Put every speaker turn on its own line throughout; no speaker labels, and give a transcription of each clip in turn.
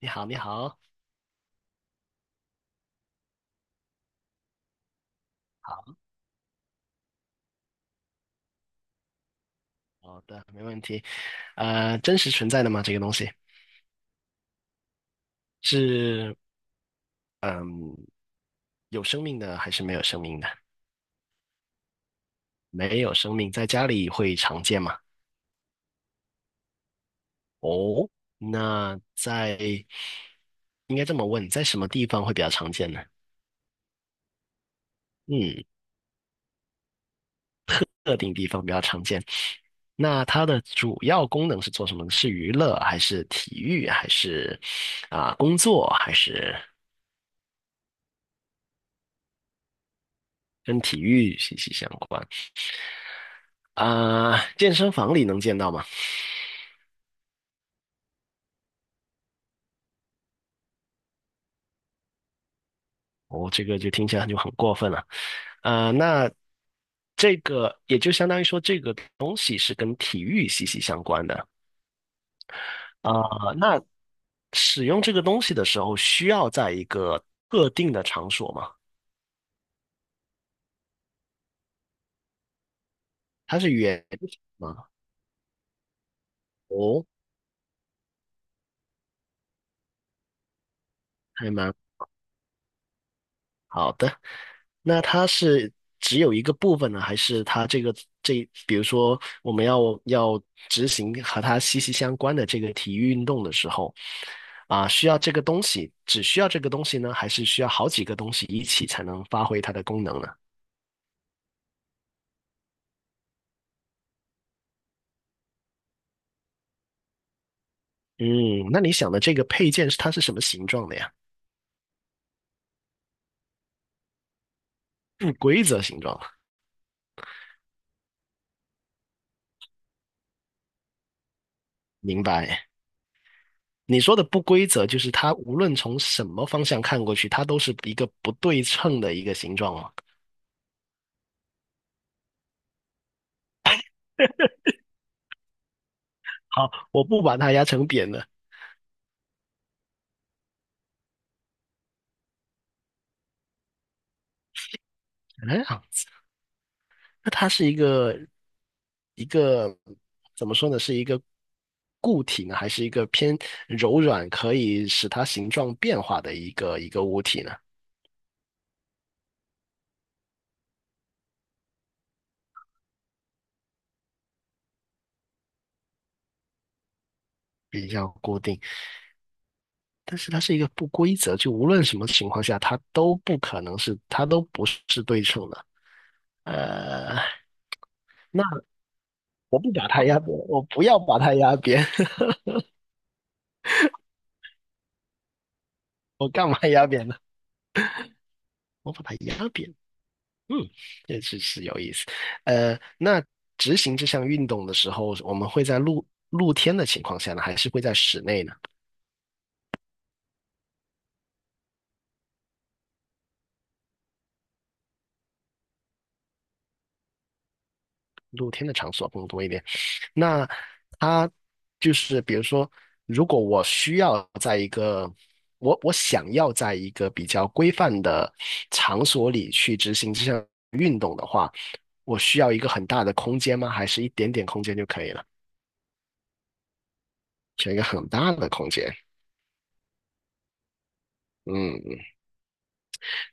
你好，你好，好好的，没问题。真实存在的吗？这个东西是有生命的还是没有生命的？没有生命，在家里会常见吗？哦，那在应该这么问，在什么地方会比较常见呢？嗯，特定地方比较常见。那它的主要功能是做什么呢，是娱乐还是体育还是啊、工作还是跟体育息息相关？啊、健身房里能见到吗？哦，这个就听起来就很过分了。那这个也就相当于说，这个东西是跟体育息息相关的。啊、那使用这个东西的时候，需要在一个特定的场所吗？它是园地吗？哦，还蛮。好的，那它是只有一个部分呢，还是它这个这，比如说我们要要执行和它息息相关的这个体育运动的时候，啊，需要这个东西，只需要这个东西呢，还是需要好几个东西一起才能发挥它的功能呢？嗯，那你想的这个配件是它是什么形状的呀？不规则形状，明白？你说的不规则就是它无论从什么方向看过去，它都是一个不对称的一个形状吗？好，我不把它压成扁的。哎，好那它是一个一个怎么说呢？是一个固体呢，还是一个偏柔软，可以使它形状变化的一个一个物体呢？比较固定，但是它是一个不规则，就无论什么情况下，它都不可能是，它都不是对称的。呃，那我不把它压扁，我不要把它压扁，我干嘛压扁呢？我把它压扁。嗯，这是是有意思。那执行这项运动的时候，我们会在露露天的情况下呢，还是会在室内呢？露天的场所更多一点。那它就是比如说，如果我需要在一个我我想要在一个比较规范的场所里去执行这项运动的话，我需要一个很大的空间吗？还是一点点空间就可以了？选一个很大的空间。嗯嗯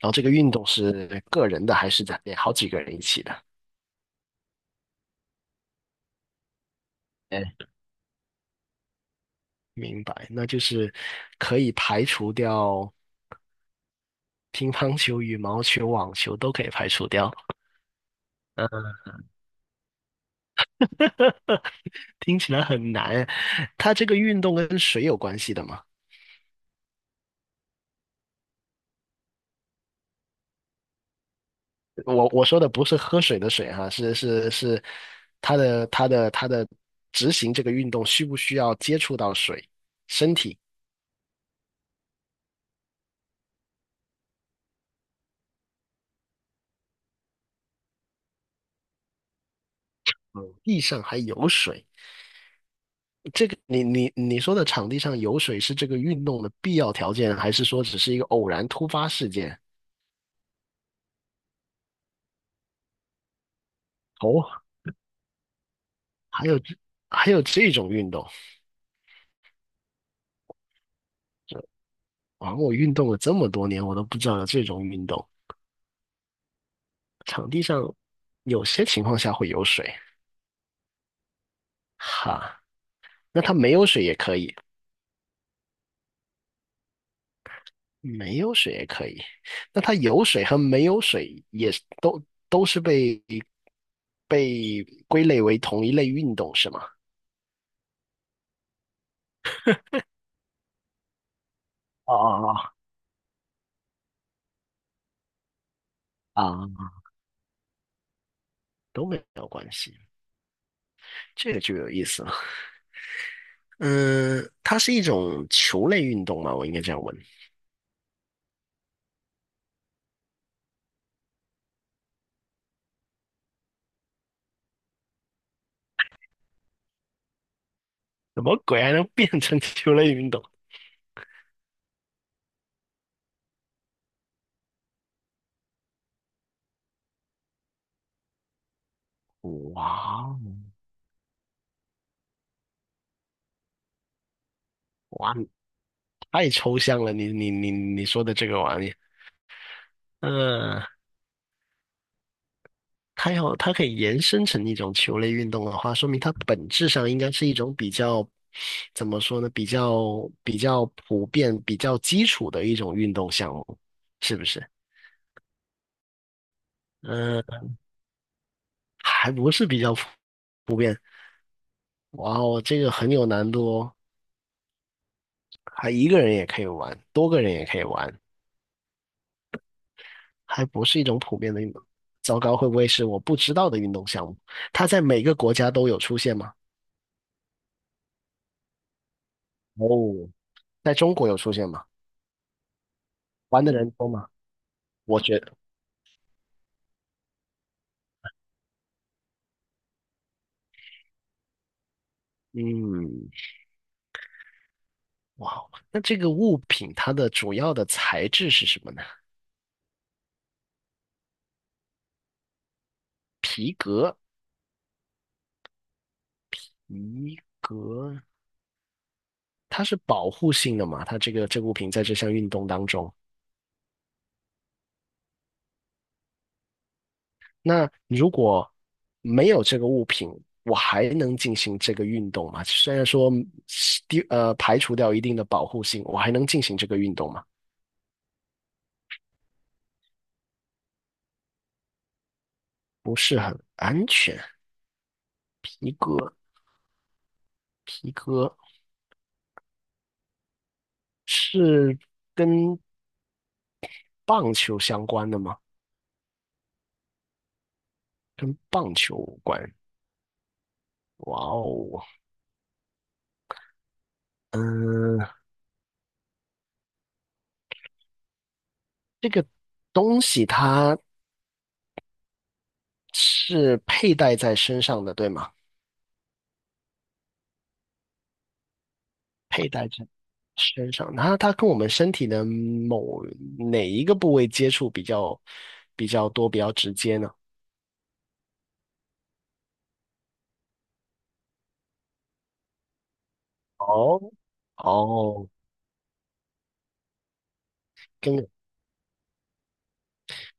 然后这个运动是个人的还是在好几个人一起的？哎，明白，那就是可以排除掉乒乓球、羽毛球、网球都可以排除掉。听起来很难。它这个运动跟水有关系的吗？我我说的不是喝水的水哈，是是是，它的它的它的执行这个运动需不需要接触到水？身体，嗯，地上还有水，这个你你你说的场地上有水是这个运动的必要条件，还是说只是一个偶然突发事件？哦，还有这还有这种运动啊！我运动了这么多年，我都不知道有这种运动。场地上有些情况下会有水，哈，那它没有水也可以，没有水也可以。那它有水和没有水也是都都是被被归类为同一类运动是吗？哦哦，哦啊，都没有关系。这个就有意思了。嗯，它是一种球类运动嘛，我应该这样问。什么鬼还能变成球类运动？哇哦，哇，太抽象了！你你你你说的这个玩意，嗯，它要它可以延伸成一种球类运动的话，说明它本质上应该是一种比较怎么说呢？比较比较普遍、比较基础的一种运动项目，是不是？嗯，还不是比较普普遍。哇哦，这个很有难度哦。还一个人也可以玩，多个人也可以玩，还不是一种普遍的运动。糟糕，会不会是我不知道的运动项目？它在每个国家都有出现吗？哦，在中国有出现吗？玩的人多吗？我觉得，嗯，哇哦，那这个物品它的主要的材质是什么呢？皮革，皮革，它是保护性的嘛？它这个这个物品在这项运动当中。那如果没有这个物品，我还能进行这个运动吗？虽然说是第排除掉一定的保护性，我还能进行这个运动吗？不是很安全。皮革，皮革是跟棒球相关的吗？跟棒球无关。哇哦，嗯，这个东西它是佩戴在身上的，对吗？佩戴在。身上，它它跟我们身体的某哪一个部位接触比较比较多、比较直接呢？哦哦，跟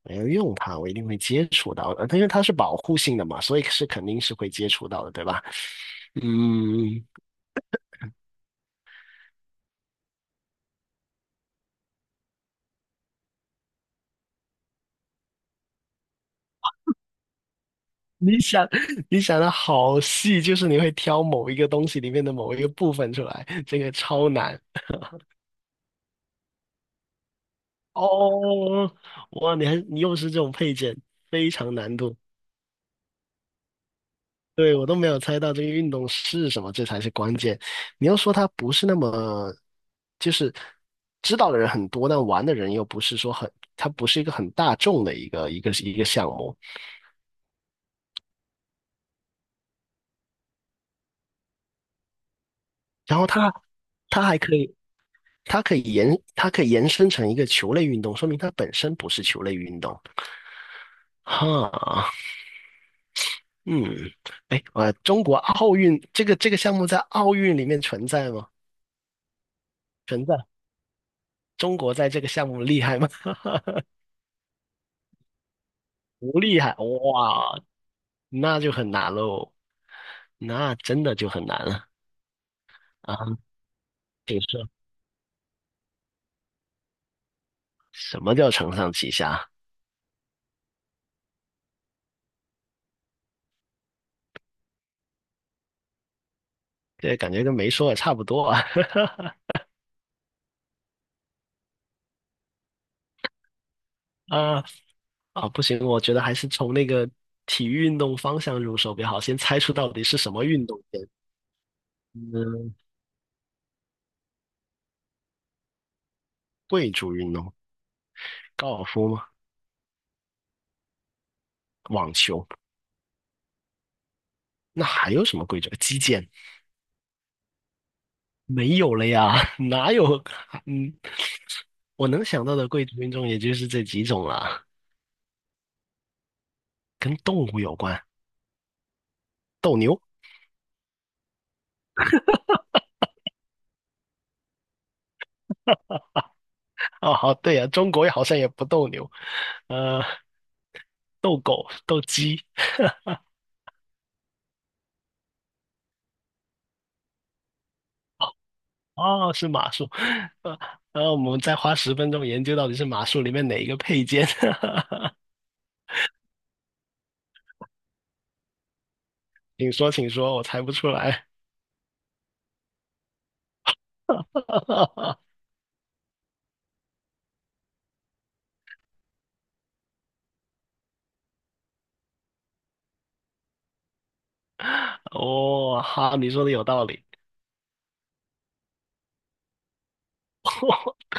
没有用它，我一定会接触到的，它因为它是保护性的嘛，所以是肯定是会接触到的，对吧？嗯，你想 你想的好细，就是你会挑某一个东西里面的某一个部分出来，这个超难哦！哇，你还你又是这种配件，非常难度。对，我都没有猜到这个运动是什么，这才是关键。你要说它不是那么，就是知道的人很多，但玩的人又不是说很，它不是一个很大众的一个一个一个项目。然后它它还可以，它可以延它可以延伸成一个球类运动，说明它本身不是球类运动。哈，嗯，哎，中国奥运这个这个项目在奥运里面存在吗？存在。中国在这个项目厉害吗？不厉害，哇，那就很难喽，那真的就很难了啊！你说什么叫承上启下？这感觉跟没说也差不多啊。啊，啊，不行，我觉得还是从那个体育运动方向入手比较好，先猜出到底是什么运动先。嗯，贵族运动，高尔夫吗？网球？那还有什么贵族？击剑？没有了呀，哪有？嗯，我能想到的贵族运动也就是这几种了，跟动物有关，斗牛。哦，好，对呀、中国好像也不斗牛，呃，斗狗、斗鸡，哦，是马术，呃，然后我们再花10分钟研究到底是马术里面哪一个配件，请说，请说，我猜不出来。哦，好，你说的有道理。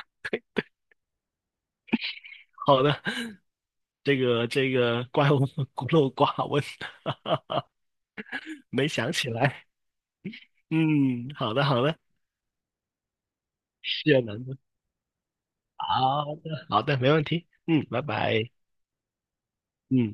好的，这个这个怪物孤陋寡闻，没想起来。嗯，好的好的，是有难度。好的好的，没问题。嗯，拜拜。嗯。